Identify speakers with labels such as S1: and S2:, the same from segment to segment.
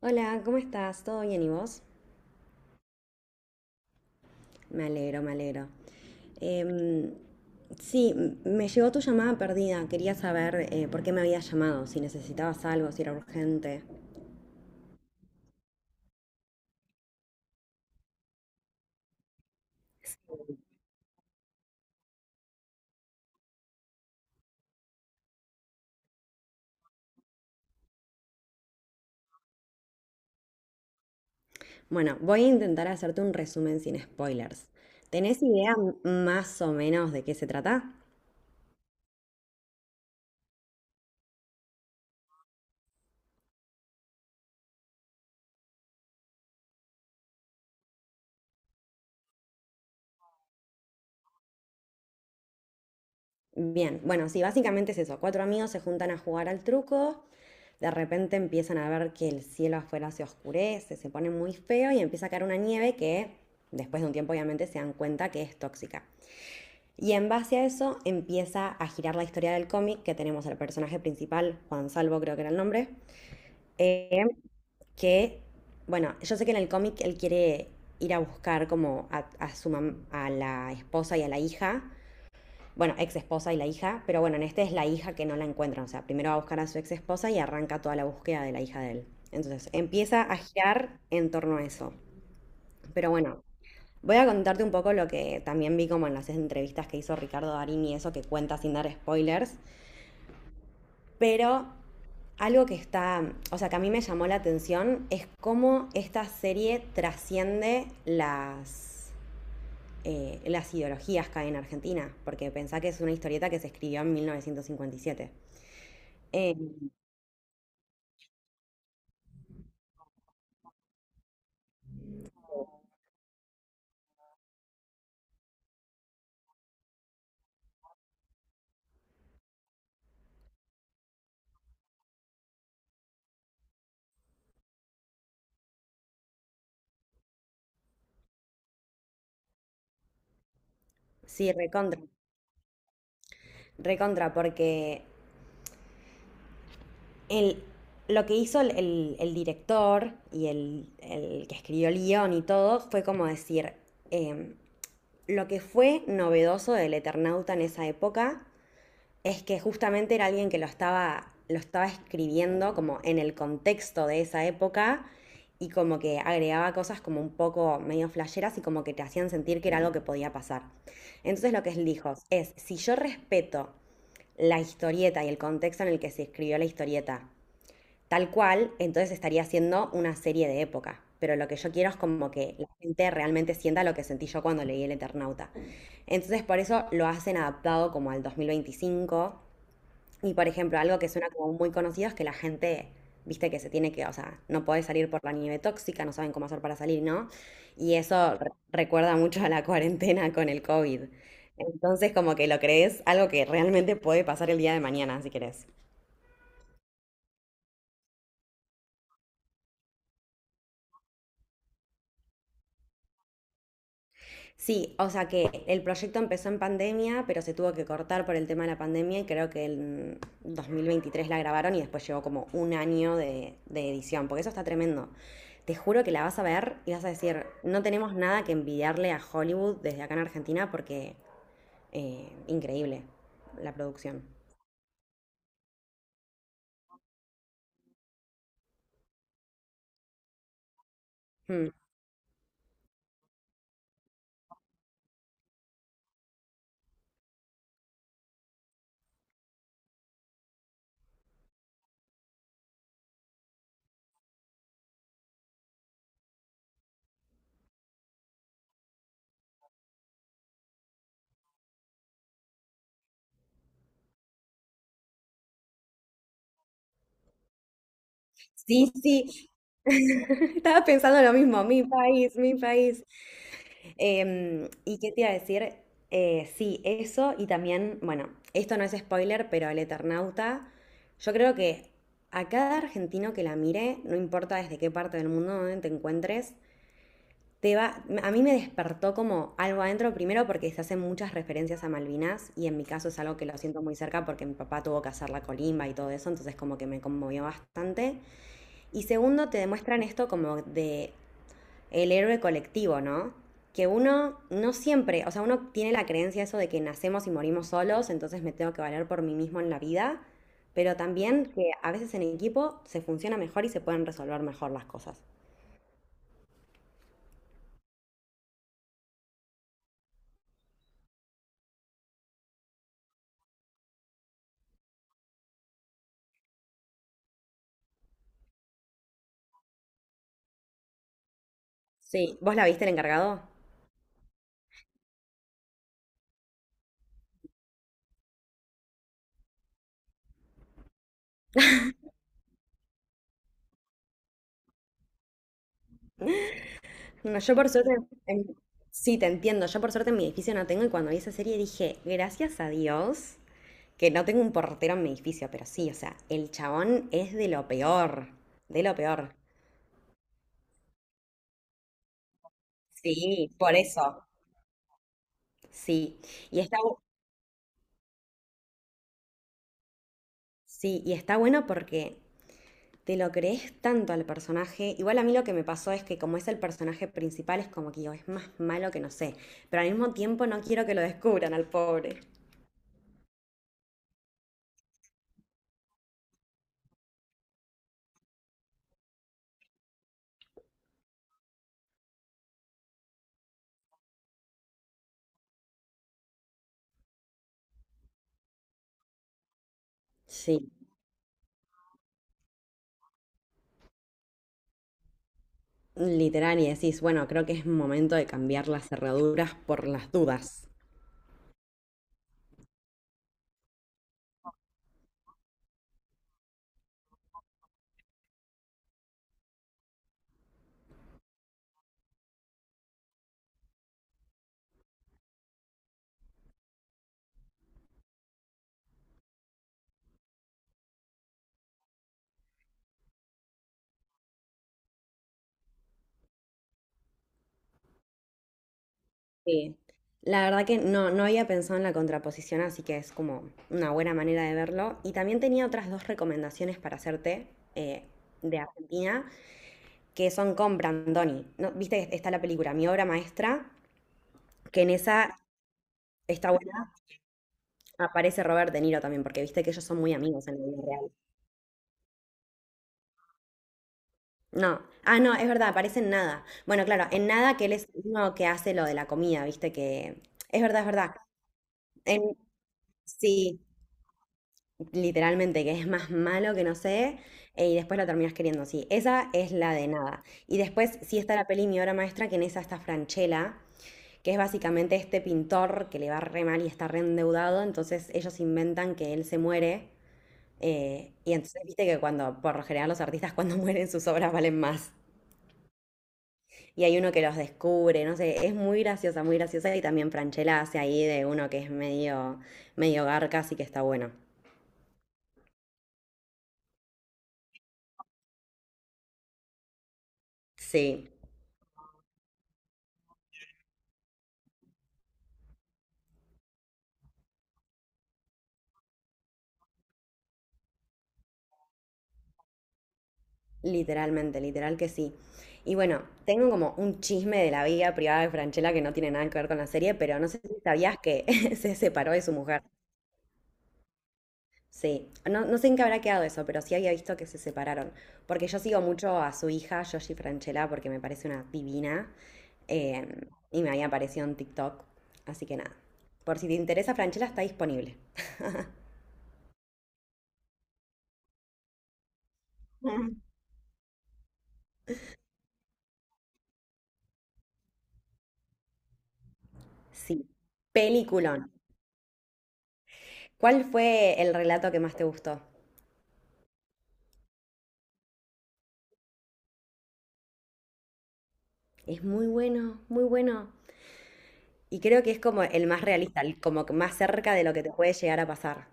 S1: Hola, ¿cómo estás? ¿Todo bien y vos? Me alegro, me alegro. Em, sí, me llegó tu llamada perdida. Quería saber por qué me habías llamado, si necesitabas algo, si era urgente. Bueno, voy a intentar hacerte un resumen sin spoilers. ¿Tenés idea más o menos de qué se trata? Bien, bueno, sí, básicamente es eso. Cuatro amigos se juntan a jugar al truco. De repente empiezan a ver que el cielo afuera se oscurece, se pone muy feo y empieza a caer una nieve que después de un tiempo obviamente se dan cuenta que es tóxica. Y en base a eso empieza a girar la historia del cómic que tenemos al personaje principal, Juan Salvo creo que era el nombre, eh, que, bueno, yo sé que en el cómic él quiere ir a buscar como a su a la esposa y a la hija, bueno, ex esposa y la hija, pero bueno, en este es la hija que no la encuentran, o sea, primero va a buscar a su ex esposa y arranca toda la búsqueda de la hija de él. Entonces, empieza a girar en torno a eso. Pero bueno, voy a contarte un poco lo que también vi como en las entrevistas que hizo Ricardo Darín y eso que cuenta sin dar spoilers, pero algo que está, o sea, que a mí me llamó la atención es cómo esta serie trasciende las ideologías que hay en Argentina, porque pensá que es una historieta que se escribió en 1957. Eh, sí, recontra, recontra, porque el, lo que hizo el director y el que escribió el guión y todo fue como decir, em, lo que fue novedoso del Eternauta en esa época es que justamente era alguien que lo estaba escribiendo como en el contexto de esa época y como que agregaba cosas como un poco medio flasheras y como que te hacían sentir que era algo que podía pasar. Entonces lo que él dijo es, si yo respeto la historieta y el contexto en el que se escribió la historieta. Tal cual, entonces estaría haciendo una serie de época. Pero lo que yo quiero es como que la gente realmente sienta lo que sentí yo cuando leí El Eternauta. Entonces por eso lo hacen adaptado como al 2025 y por ejemplo, algo que suena como muy conocido es que la gente, viste que se tiene que, o sea, no podés salir por la nieve tóxica, no saben cómo hacer para salir, ¿no? Y eso recuerda mucho a la cuarentena con el COVID. Entonces, como que lo crees algo que realmente puede pasar el día de mañana, si querés. Sí, o sea que el proyecto empezó en pandemia, pero se tuvo que cortar por el tema de la pandemia y creo que en 2023 la grabaron y después llevó como un año de edición, porque eso está tremendo. Te juro que la vas a ver y vas a decir, no tenemos nada que envidiarle a Hollywood desde acá en Argentina porque increíble la producción. Mm. Sí, sí, estaba pensando lo mismo, mi país, mi país. ¿Y qué te iba a decir? Sí, eso y también, bueno, esto no es spoiler, pero El Eternauta, yo creo que a cada argentino que la mire, no importa desde qué parte del mundo donde te encuentres, a mí me despertó como algo adentro, primero porque se hacen muchas referencias a Malvinas y en mi caso es algo que lo siento muy cerca porque mi papá tuvo que hacer la colimba y todo eso, entonces como que me conmovió bastante. Y segundo, te demuestran esto como de el héroe colectivo, ¿no? Que uno no siempre, o sea, uno tiene la creencia eso de que nacemos y morimos solos, entonces me tengo que valer por mí mismo en la vida, pero también que a veces en equipo se funciona mejor y se pueden resolver mejor las cosas. Sí, ¿vos la viste el encargado? No, yo por suerte, en- sí, te entiendo, yo por suerte en mi edificio no tengo y cuando vi esa serie dije, gracias a Dios que no tengo un portero en mi edificio, pero sí, o sea, el chabón es de lo peor, de lo peor. Sí, por eso. Sí, y está, sí, y está bueno porque te lo crees tanto al personaje. Igual a mí lo que me pasó es que como es el personaje principal, es como que digo, es más malo que no sé. Pero al mismo tiempo no quiero que lo descubran al pobre. Sí, literal, y decís, bueno, creo que es momento de cambiar las cerraduras por las dudas. Sí. La verdad que no, no había pensado en la contraposición, así que es como una buena manera de verlo. Y también tenía otras dos recomendaciones para hacerte eh, de Argentina, que son con Brandoni. ¿No? Viste que está la película Mi obra maestra, que en esa está buena, aparece Robert De Niro también, porque viste que ellos son muy amigos en la vida real. No, ah, no, es verdad, aparece en nada. Bueno, claro, en nada que él es uno que hace lo de la comida, viste que. Es verdad, es verdad. En... Sí, literalmente, que es más malo que no sé, y después la terminas queriendo, sí. Esa es la de nada. Y después sí está la peli Mi obra maestra, que en esa está Franchella, que es básicamente este pintor que le va re mal y está re endeudado, entonces ellos inventan que él se muere, y entonces viste que cuando, por lo general los artistas cuando mueren sus obras valen más, y hay uno que los descubre, no sé, es muy graciosa, y también Franchella hace ahí de uno que es medio, medio garca, así que está bueno. Sí, literalmente, literal que sí. Y bueno, tengo como un chisme de la vida privada de Franchella que no tiene nada que ver con la serie, pero no sé si sabías que se separó de su mujer. Sí, no, no sé en qué habrá quedado eso, pero sí había visto que se separaron. Porque yo sigo mucho a su hija, Yoshi Franchella, porque me parece una divina. eh, y me había aparecido en TikTok. Así que nada. Por si te interesa, Franchella está disponible. Mm. Sí. Peliculón. ¿Cuál fue el relato que más te gustó? Es muy bueno, muy bueno. Y creo que es como el más realista, el como que más cerca de lo que te puede llegar a pasar.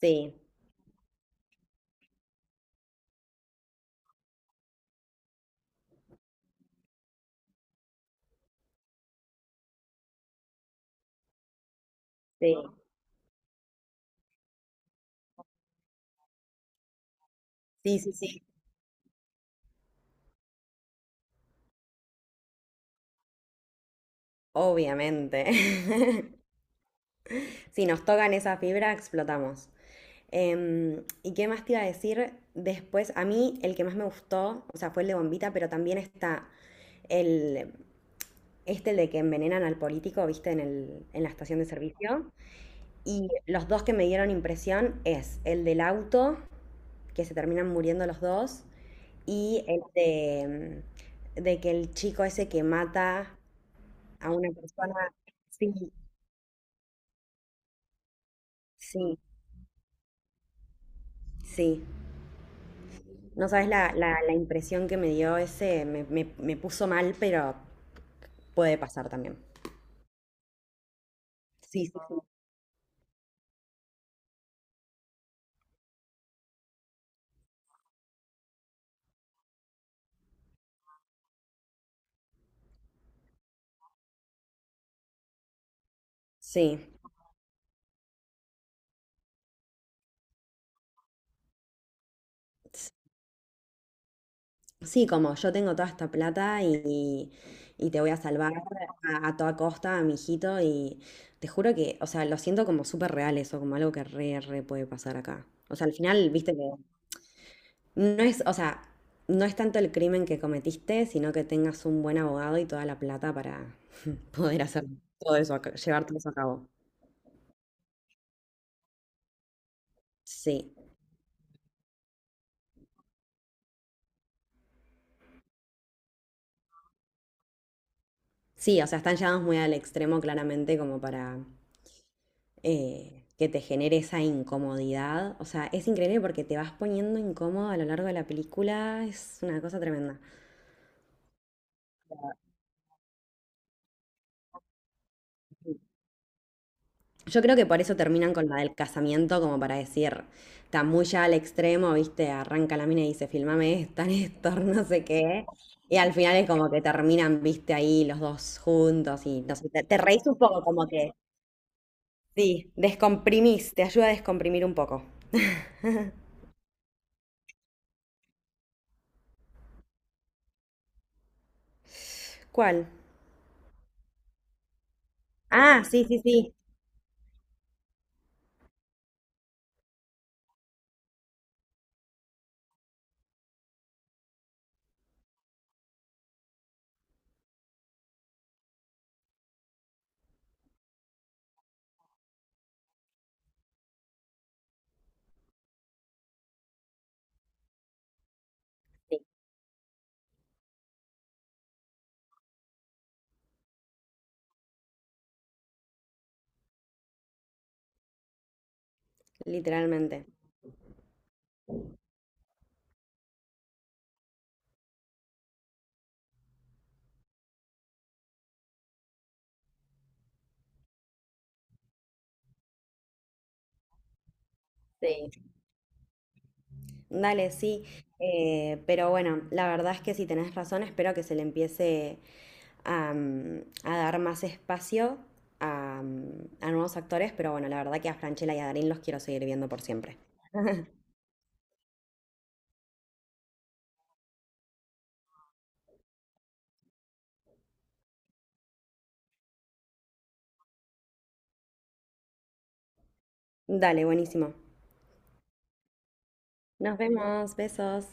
S1: Sí, sí, sí, sí, sí. Obviamente. Si nos tocan esa fibra, explotamos. ¿Y qué más te iba a decir? Después, a mí el que más me gustó, o sea, fue el de Bombita, pero también está el, el de que envenenan al político, viste, en la estación de servicio. Y los dos que me dieron impresión es el del auto, que se terminan muriendo los dos, y el de que el chico ese que mata a una persona. Sí, sí, sí. No sabes la, la, la impresión que me dio ese, me puso mal, pero puede pasar también. Sí, sí, sí. Sí, s- sí, como yo tengo toda esta plata y te voy a salvar a toda costa, a mi hijito, y te juro que, o sea, lo siento como súper real eso, como algo que re puede pasar acá. O sea, al final, viste que no es, o sea, no es tanto el crimen que cometiste, sino que tengas un buen abogado y toda la plata para poder hacer todo eso, llevar todo eso a cabo. Sí. Sí, o sea, están llevados muy al extremo claramente como para que te genere esa incomodidad. O sea, es increíble porque te vas poniendo incómodo a lo largo de la película. Es una cosa tremenda. Yo creo que por eso terminan con la del casamiento, como para decir, está muy ya al extremo, viste, arranca la mina y dice, filmame esta, Néstor, no sé qué. Y al final es como que terminan, viste, ahí los dos juntos y no sé, te reís un poco como que, sí, descomprimís, te ayuda a descomprimir un poco. ¿Cuál? Ah, sí, sí, sí. Sí, literalmente. Sí. Dale, sí. Pero bueno, la verdad es que si tenés razón, espero que se le empiece a dar más espacio a nuevos actores, pero bueno, la verdad que a Franchella y a Darín los quiero seguir viendo por siempre. Dale, buenísimo. Nos vemos, besos.